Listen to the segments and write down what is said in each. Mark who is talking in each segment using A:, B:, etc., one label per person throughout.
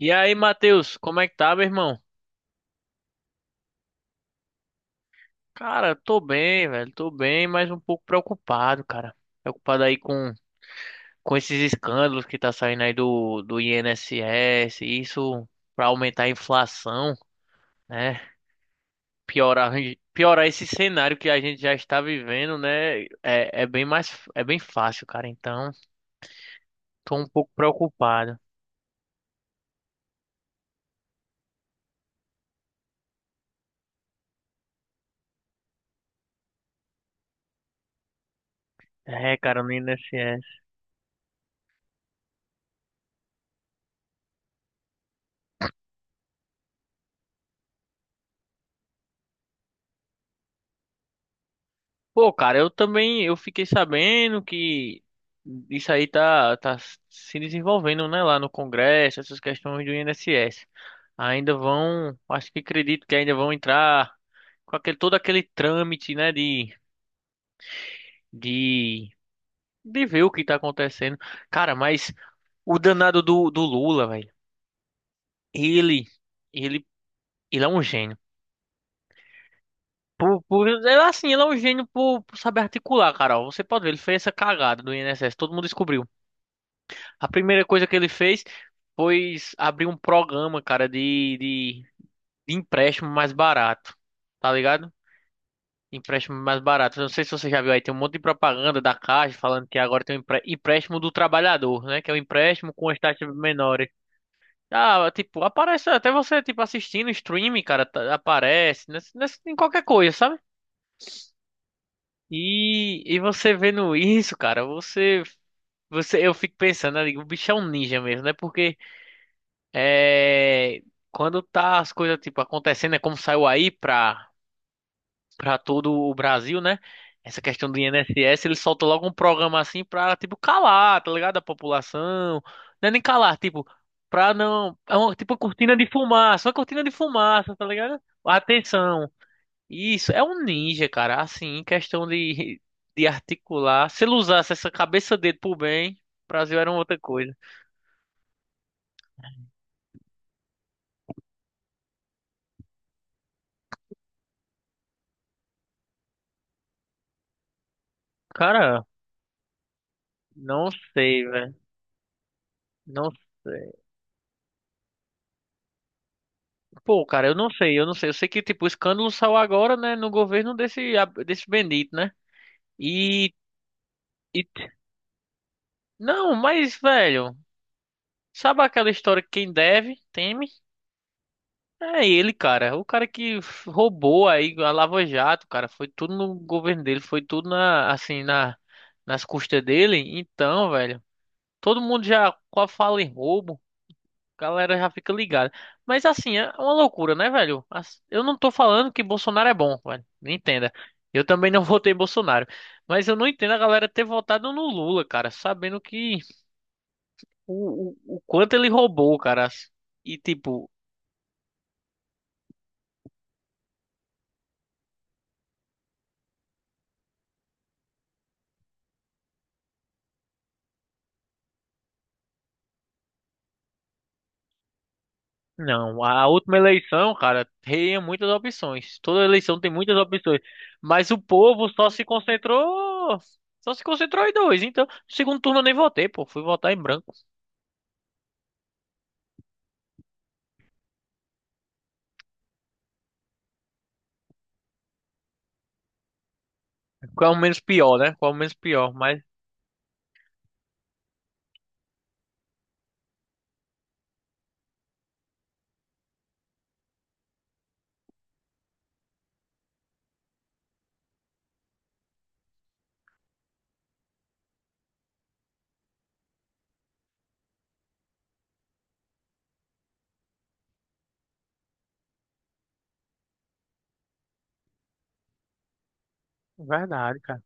A: E aí, Matheus, como é que tá, meu irmão? Cara, tô bem, velho, tô bem, mas um pouco preocupado, cara. Preocupado aí com esses escândalos que tá saindo aí do INSS, isso pra aumentar a inflação, né? Piorar, piorar esse cenário que a gente já está vivendo, né? É bem mais, é bem fácil, cara. Então, tô um pouco preocupado. É, cara, no INSS. Pô, cara, eu também eu fiquei sabendo que isso aí tá se desenvolvendo, né, lá no Congresso, essas questões do INSS. Ainda vão, acho que acredito que ainda vão entrar com aquele, todo aquele trâmite, né, de, de ver o que tá acontecendo. Cara, mas o danado do Lula, velho, ele, ele, ele é um gênio. Ele, é assim, ele é um gênio por saber articular, Carol. Você pode ver, ele fez essa cagada do INSS, todo mundo descobriu. A primeira coisa que ele fez foi abrir um programa, cara, de empréstimo mais barato, tá ligado? Empréstimo mais barato. Não sei se você já viu aí, tem um monte de propaganda da Caixa falando que agora tem um empréstimo do trabalhador, né? Que é um empréstimo com as taxas menores. Ah, tipo, aparece até você, tipo, assistindo streaming, cara, aparece em qualquer coisa, sabe? E você vendo isso, cara, eu fico pensando, eu digo, o bicho é um ninja mesmo, né? Porque É, quando tá as coisas tipo acontecendo, é como saiu aí pra todo o Brasil, né? Essa questão do INSS, ele solta logo um programa assim pra tipo calar, tá ligado? A população. Não é nem calar, tipo, pra não. É uma, tipo uma cortina de fumaça, uma cortina de fumaça, tá ligado? Atenção. Isso, é um ninja, cara. Assim, em questão de, articular. Se ele usasse essa cabeça dele pro bem, o Brasil era uma outra coisa. Cara, não sei, velho. Não sei. Pô, cara, eu não sei, eu não sei. Eu sei que, tipo, o escândalo saiu agora, né, no governo desse bendito, né? E, e... Não, mas, velho, sabe aquela história que quem deve, teme? É ele, cara. O cara que roubou aí a Lava Jato, cara. Foi tudo no governo dele, foi tudo na, assim, na, nas custas dele. Então, velho, todo mundo já qual fala em roubo. Galera já fica ligada. Mas assim, é uma loucura, né, velho? Eu não tô falando que Bolsonaro é bom, velho. Me entenda. Eu também não votei em Bolsonaro. Mas eu não entendo a galera ter votado no Lula, cara, sabendo que o quanto ele roubou, cara. E tipo, não, a última eleição, cara, tinha muitas opções. Toda eleição tem muitas opções. Mas o povo só se concentrou. Só se concentrou em dois. Então, segundo turno eu nem votei, pô. Fui votar em branco. Qual é o menos pior, né? Qual é o menos pior? Mas. Verdade, cara.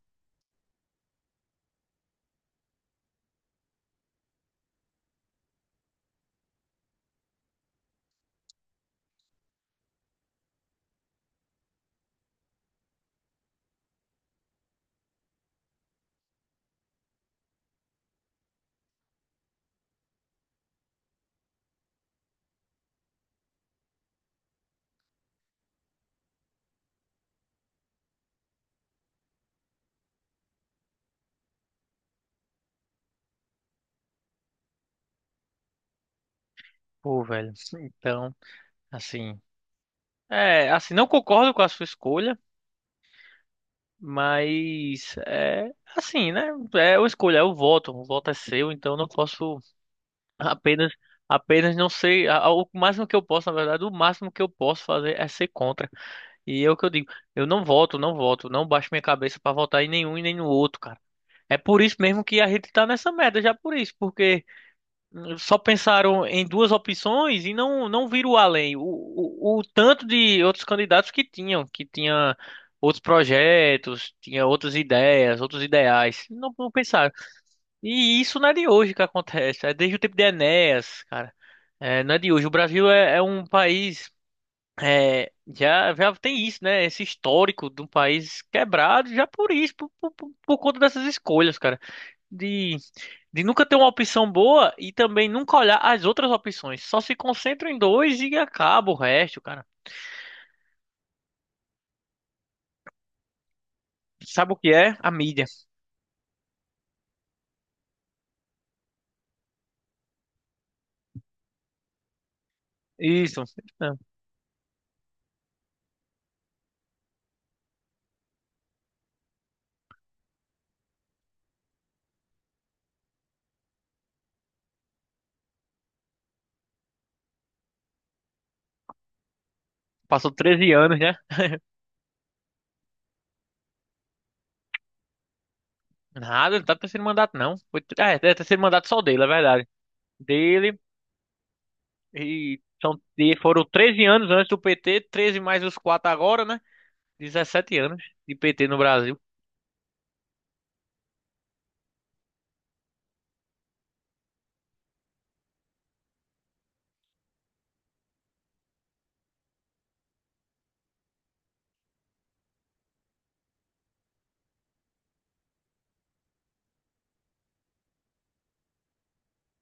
A: Pô, velho. Então, assim. É, assim, não concordo com a sua escolha, mas é assim, né? É a escolha, é o voto. O voto é seu, então eu não posso apenas, apenas não sei. O máximo que eu posso, na verdade, o máximo que eu posso fazer é ser contra. E é o que eu digo, eu não voto, não baixo minha cabeça pra votar em nenhum e nem no outro, cara. É por isso mesmo que a gente tá nessa merda, já por isso, porque só pensaram em duas opções e não viram além. O tanto de outros candidatos que tinha outros projetos, tinha outras ideias, outros ideais. Não, não pensaram. E isso não é de hoje que acontece, é desde o tempo de Enéas, cara. É, não é de hoje. O Brasil é um país já tem isso, né? Esse histórico de um país quebrado, já por isso, por conta dessas escolhas, cara. De, de nunca ter uma opção boa e também nunca olhar as outras opções. Só se concentra em dois e acaba o resto, cara. Sabe o que é? A mídia. Isso. É, Passou 13 anos, né? Nada, não tá no terceiro mandato, não. Foi, é terceiro mandato só dele, é verdade. Dele e. São, e foram 13 anos antes do PT, 13 mais os 4 agora, né? 17 anos de PT no Brasil.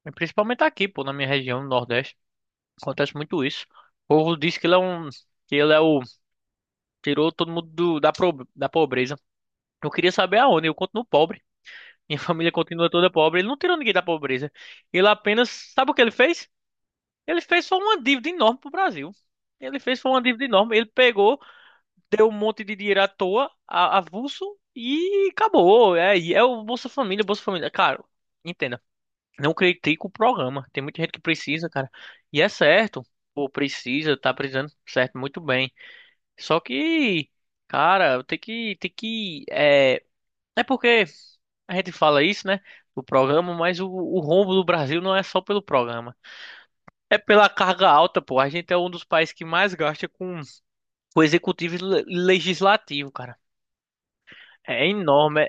A: E principalmente aqui, pô, na minha região, no Nordeste. Acontece muito isso. O povo diz que ele é um. Que ele é o. Tirou todo mundo da pobreza. Eu queria saber aonde. Eu continuo pobre. Minha família continua toda pobre. Ele não tirou ninguém da pobreza. Ele apenas. Sabe o que ele fez? Ele fez só uma dívida enorme pro Brasil. Ele fez foi uma dívida enorme. Ele pegou, deu um monte de dinheiro à toa, avulso, e acabou. É, e é o Bolsa Família, Bolsa Família. Cara, entenda. Não critico o programa. Tem muita gente que precisa, cara. E é certo. Pô, precisa, tá precisando, certo, muito bem. Só que, cara, tem que, é porque a gente fala isso, né, do programa, mas o rombo do Brasil não é só pelo programa. É pela carga alta, pô. A gente é um dos países que mais gasta com executivo e legislativo, cara. É enorme.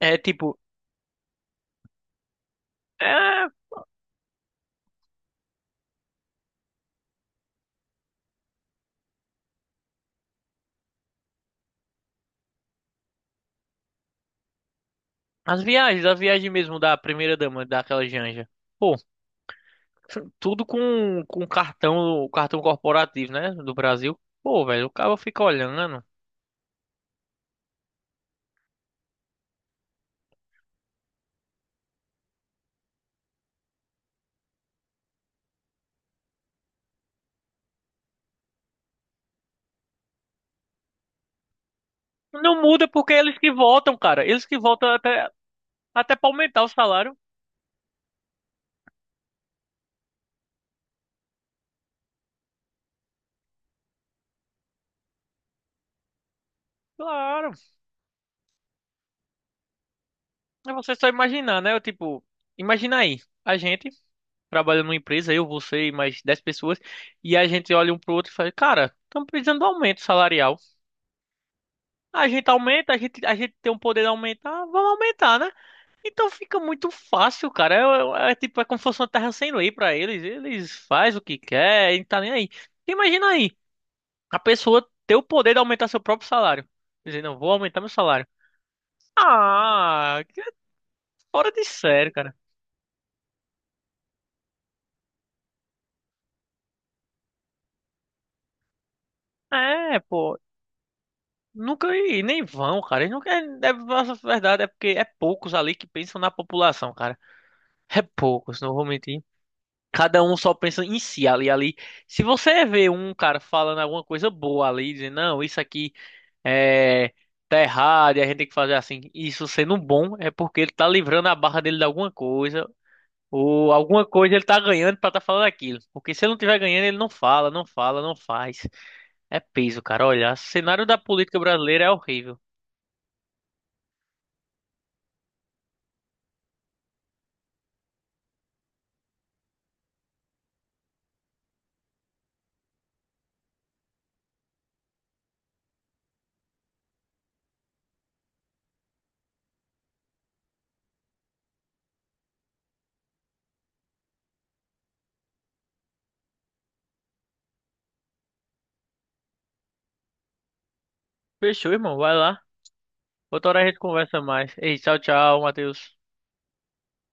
A: É tipo, é, as viagens, a viagem mesmo da primeira dama, daquela Janja. Tudo com cartão corporativo, né? Do Brasil. Pô, velho, o cara fica olhando. Não muda porque é eles que votam, cara. Eles que votam até pra aumentar o salário. Claro. É você só imaginar, né? Eu, tipo, imagina aí. A gente trabalha numa empresa, eu, você e mais 10 pessoas. E a gente olha um pro outro e fala, cara, estamos precisando de aumento salarial. A gente aumenta, a gente tem um poder de aumentar, vamos aumentar, né? Então fica muito fácil, cara. É tipo, é como se fosse uma terra sem lei pra eles. Eles fazem o que quer, e não tá nem aí. Imagina aí, a pessoa ter o poder de aumentar seu próprio salário. Dizer, não, vou aumentar meu salário. Ah, que é fora de sério, cara. É, pô. Nunca e nem vão, cara. Eles nunca, a verdade é porque é poucos ali que pensam na população, cara. É poucos, não vou mentir. Cada um só pensa em si ali, ali. Se você vê um cara falando alguma coisa boa ali, dizendo, não, isso aqui. é, tá errado e a gente tem que fazer assim. Isso sendo bom é porque ele tá livrando a barra dele de alguma coisa, ou alguma coisa ele tá ganhando pra tá falando aquilo. Porque se ele não tiver ganhando, ele não fala, não faz. É peso, cara. Olha, o cenário da política brasileira é horrível. Fechou, irmão. Vai lá. Outra hora a gente conversa mais. Ei, tchau, tchau, Matheus.